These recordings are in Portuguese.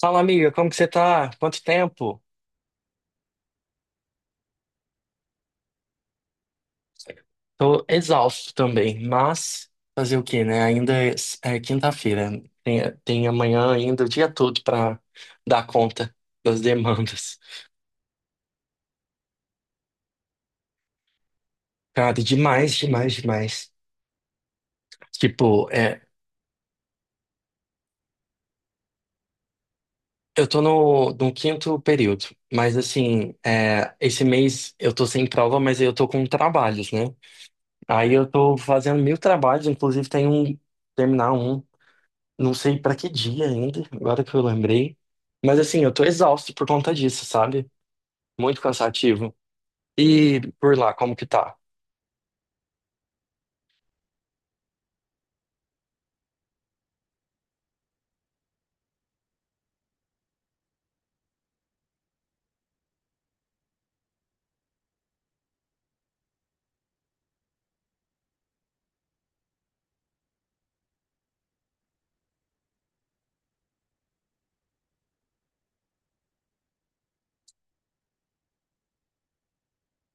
Fala, amiga, como que você tá? Quanto tempo? Tô exausto também, mas fazer o quê, né? Ainda é quinta-feira. Tem amanhã ainda o dia todo pra dar conta das demandas. Cara, demais, demais, demais. Tipo, é, eu tô no quinto período, mas assim, é, esse mês eu tô sem prova, mas eu tô com trabalhos, né? Aí eu tô fazendo mil trabalhos, inclusive tem um, terminar um. Não sei pra que dia ainda, agora que eu lembrei. Mas assim, eu tô exausto por conta disso, sabe? Muito cansativo. E por lá, como que tá?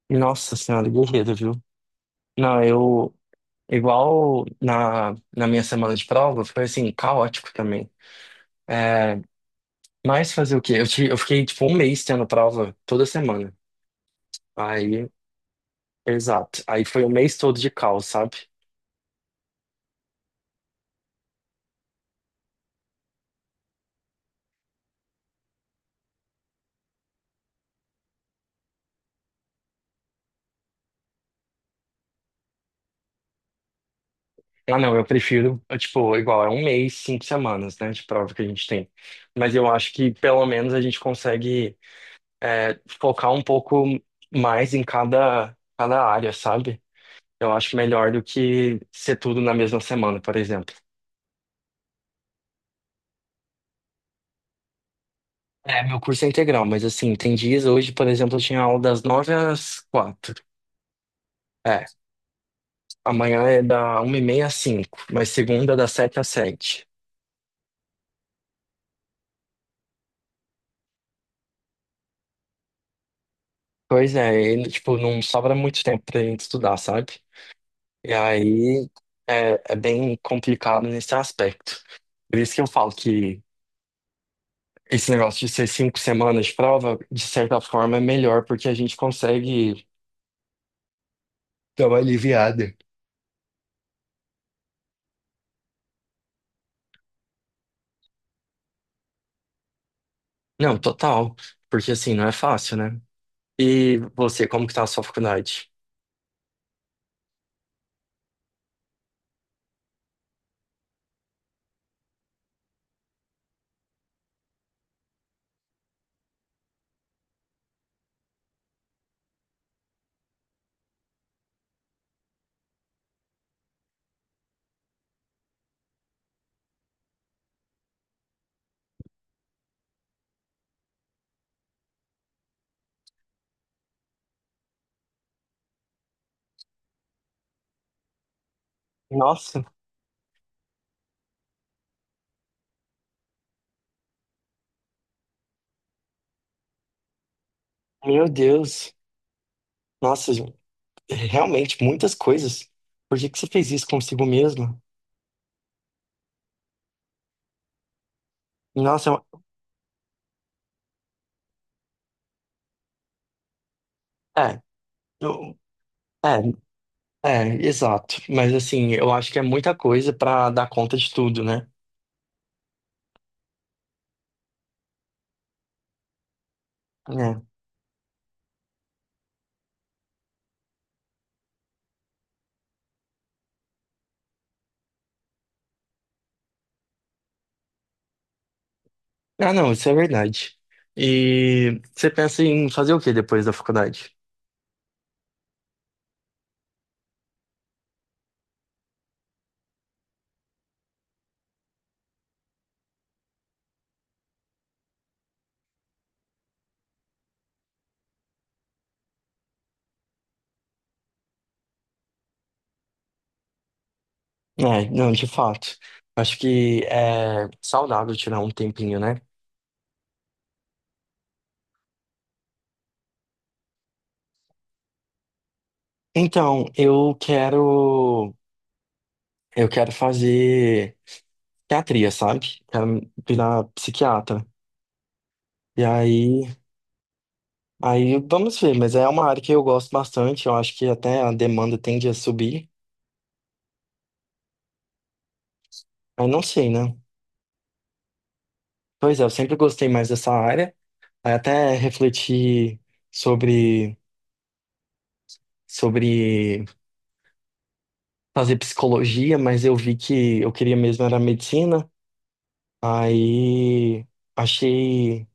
Nossa senhora, guerreiro, viu? Não, eu. Igual na minha semana de prova, foi assim, caótico também. É, mas fazer o quê? Eu fiquei tipo um mês tendo prova toda semana. Aí, exato. Aí foi o mês todo de caos, sabe? Ah, não, eu prefiro, eu, tipo, igual, é um mês, cinco semanas, né, de prova que a gente tem. Mas eu acho que pelo menos a gente consegue focar um pouco mais em cada área, sabe? Eu acho melhor do que ser tudo na mesma semana, por exemplo. É, meu curso é integral, mas assim, tem dias, hoje, por exemplo, eu tinha aula das nove às quatro. É, amanhã é da uma e meia às cinco, mas segunda das sete às sete. Pois é, e, tipo, não sobra muito tempo pra gente estudar, sabe? E aí é bem complicado nesse aspecto. Por isso que eu falo que esse negócio de ser cinco semanas de prova, de certa forma, é melhor, porque a gente consegue dar uma aliviada. Não, total. Porque assim, não é fácil, né? E você, como que tá a sua faculdade? Nossa, meu Deus. Nossa, gente, realmente, muitas coisas. Por que que você fez isso consigo mesmo? Nossa, é, eu- é, É, exato. Mas assim, eu acho que é muita coisa pra dar conta de tudo, né? É. Ah, não, isso é verdade. E você pensa em fazer o que depois da faculdade? É, não, de fato. Acho que é saudável tirar um tempinho, né? Então, eu quero fazer psiquiatria, sabe? Quero virar psiquiatra. E aí, aí vamos ver, mas é uma área que eu gosto bastante, eu acho que até a demanda tende a subir. Aí não sei, né? Pois é, eu sempre gostei mais dessa área. Aí até refleti sobre, sobre fazer psicologia, mas eu vi que eu queria mesmo era medicina. Aí achei,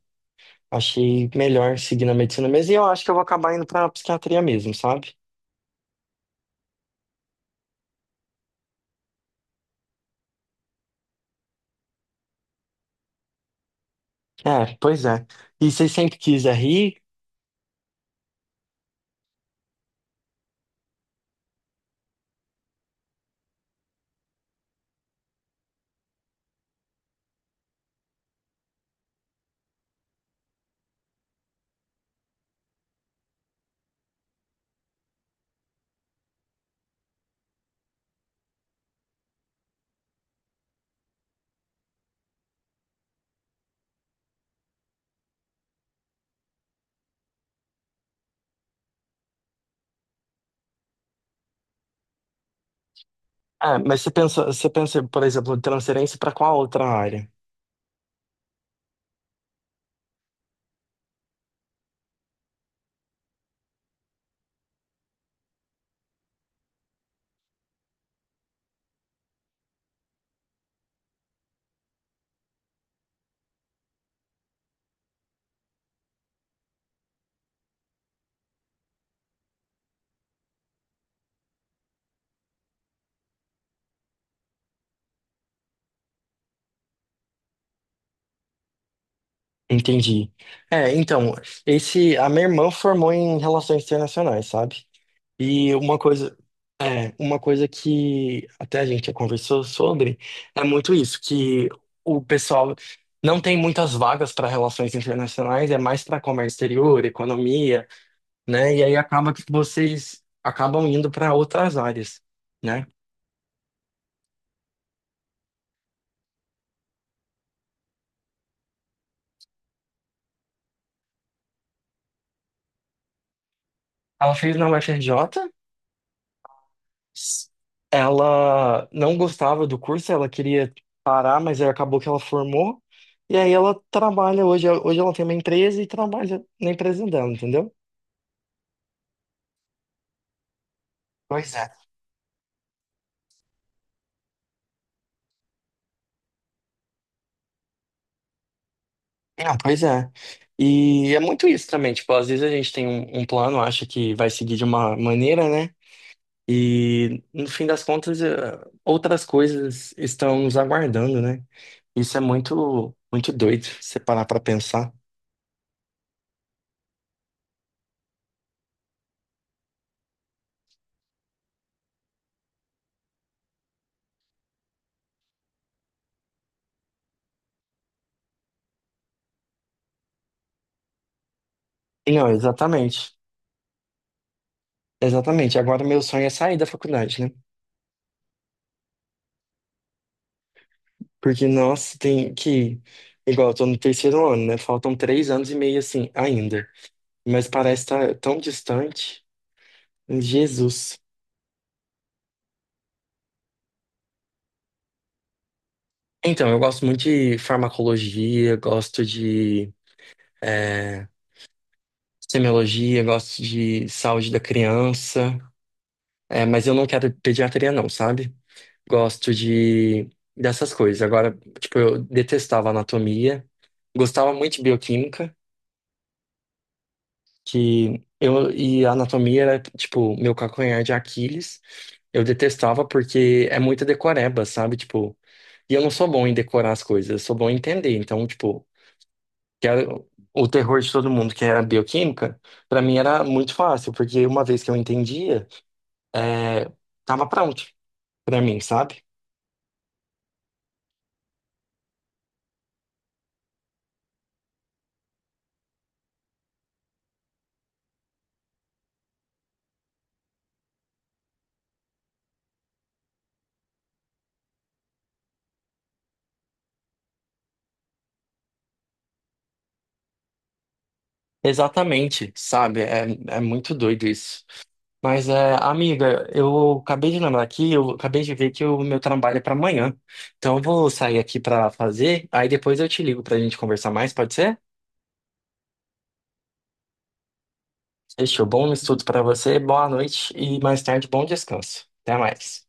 achei melhor seguir na medicina mesmo. E eu acho que eu vou acabar indo pra psiquiatria mesmo, sabe? É, pois é. E você sempre quis rir? É, mas você pensa, por exemplo, transferência para qual outra área? Entendi. É, então, esse, a minha irmã formou em relações internacionais, sabe? E uma coisa, é, uma coisa que até a gente já conversou sobre é muito isso, que o pessoal não tem muitas vagas para relações internacionais, é mais para comércio exterior, economia, né? E aí acaba que vocês acabam indo para outras áreas, né? Ela fez na UFRJ, s- ela não gostava do curso, ela queria parar, mas aí acabou que ela formou. E aí ela trabalha hoje, hoje ela tem uma empresa e trabalha na empresa dela, entendeu? Pois é. Não, pois é. E é muito isso também, tipo, às vezes a gente tem um plano, acha que vai seguir de uma maneira, né? E no fim das contas, outras coisas estão nos aguardando, né? Isso é muito, muito doido, se você parar pra pensar. Não, exatamente. Exatamente. Agora meu sonho é sair da faculdade, né? Porque, nossa, tem que. Igual, eu tô no terceiro ano, né? Faltam três anos e meio assim, ainda. Mas parece estar tão distante. Jesus. Então, eu gosto muito de farmacologia, gosto de é, semiologia, gosto de saúde da criança, é, mas eu não quero pediatria não, sabe? Gosto de dessas coisas. Agora, tipo, eu detestava anatomia, gostava muito de bioquímica, que eu e a anatomia era tipo meu calcanhar de Aquiles. Eu detestava porque é muita decoreba, sabe? Tipo, e eu não sou bom em decorar as coisas, eu sou bom em entender. Então, tipo, que era o terror de todo mundo, que era a bioquímica, pra mim era muito fácil, porque uma vez que eu entendia, é, tava pronto pra mim, sabe? Exatamente, sabe? É, é muito doido isso. Mas, é, amiga, eu acabei de lembrar aqui, eu acabei de ver que o meu trabalho é pra amanhã. Então, eu vou sair aqui pra fazer, aí depois eu te ligo pra gente conversar mais, pode ser? Fechou. Bom estudo pra você, boa noite e mais tarde, bom descanso. Até mais.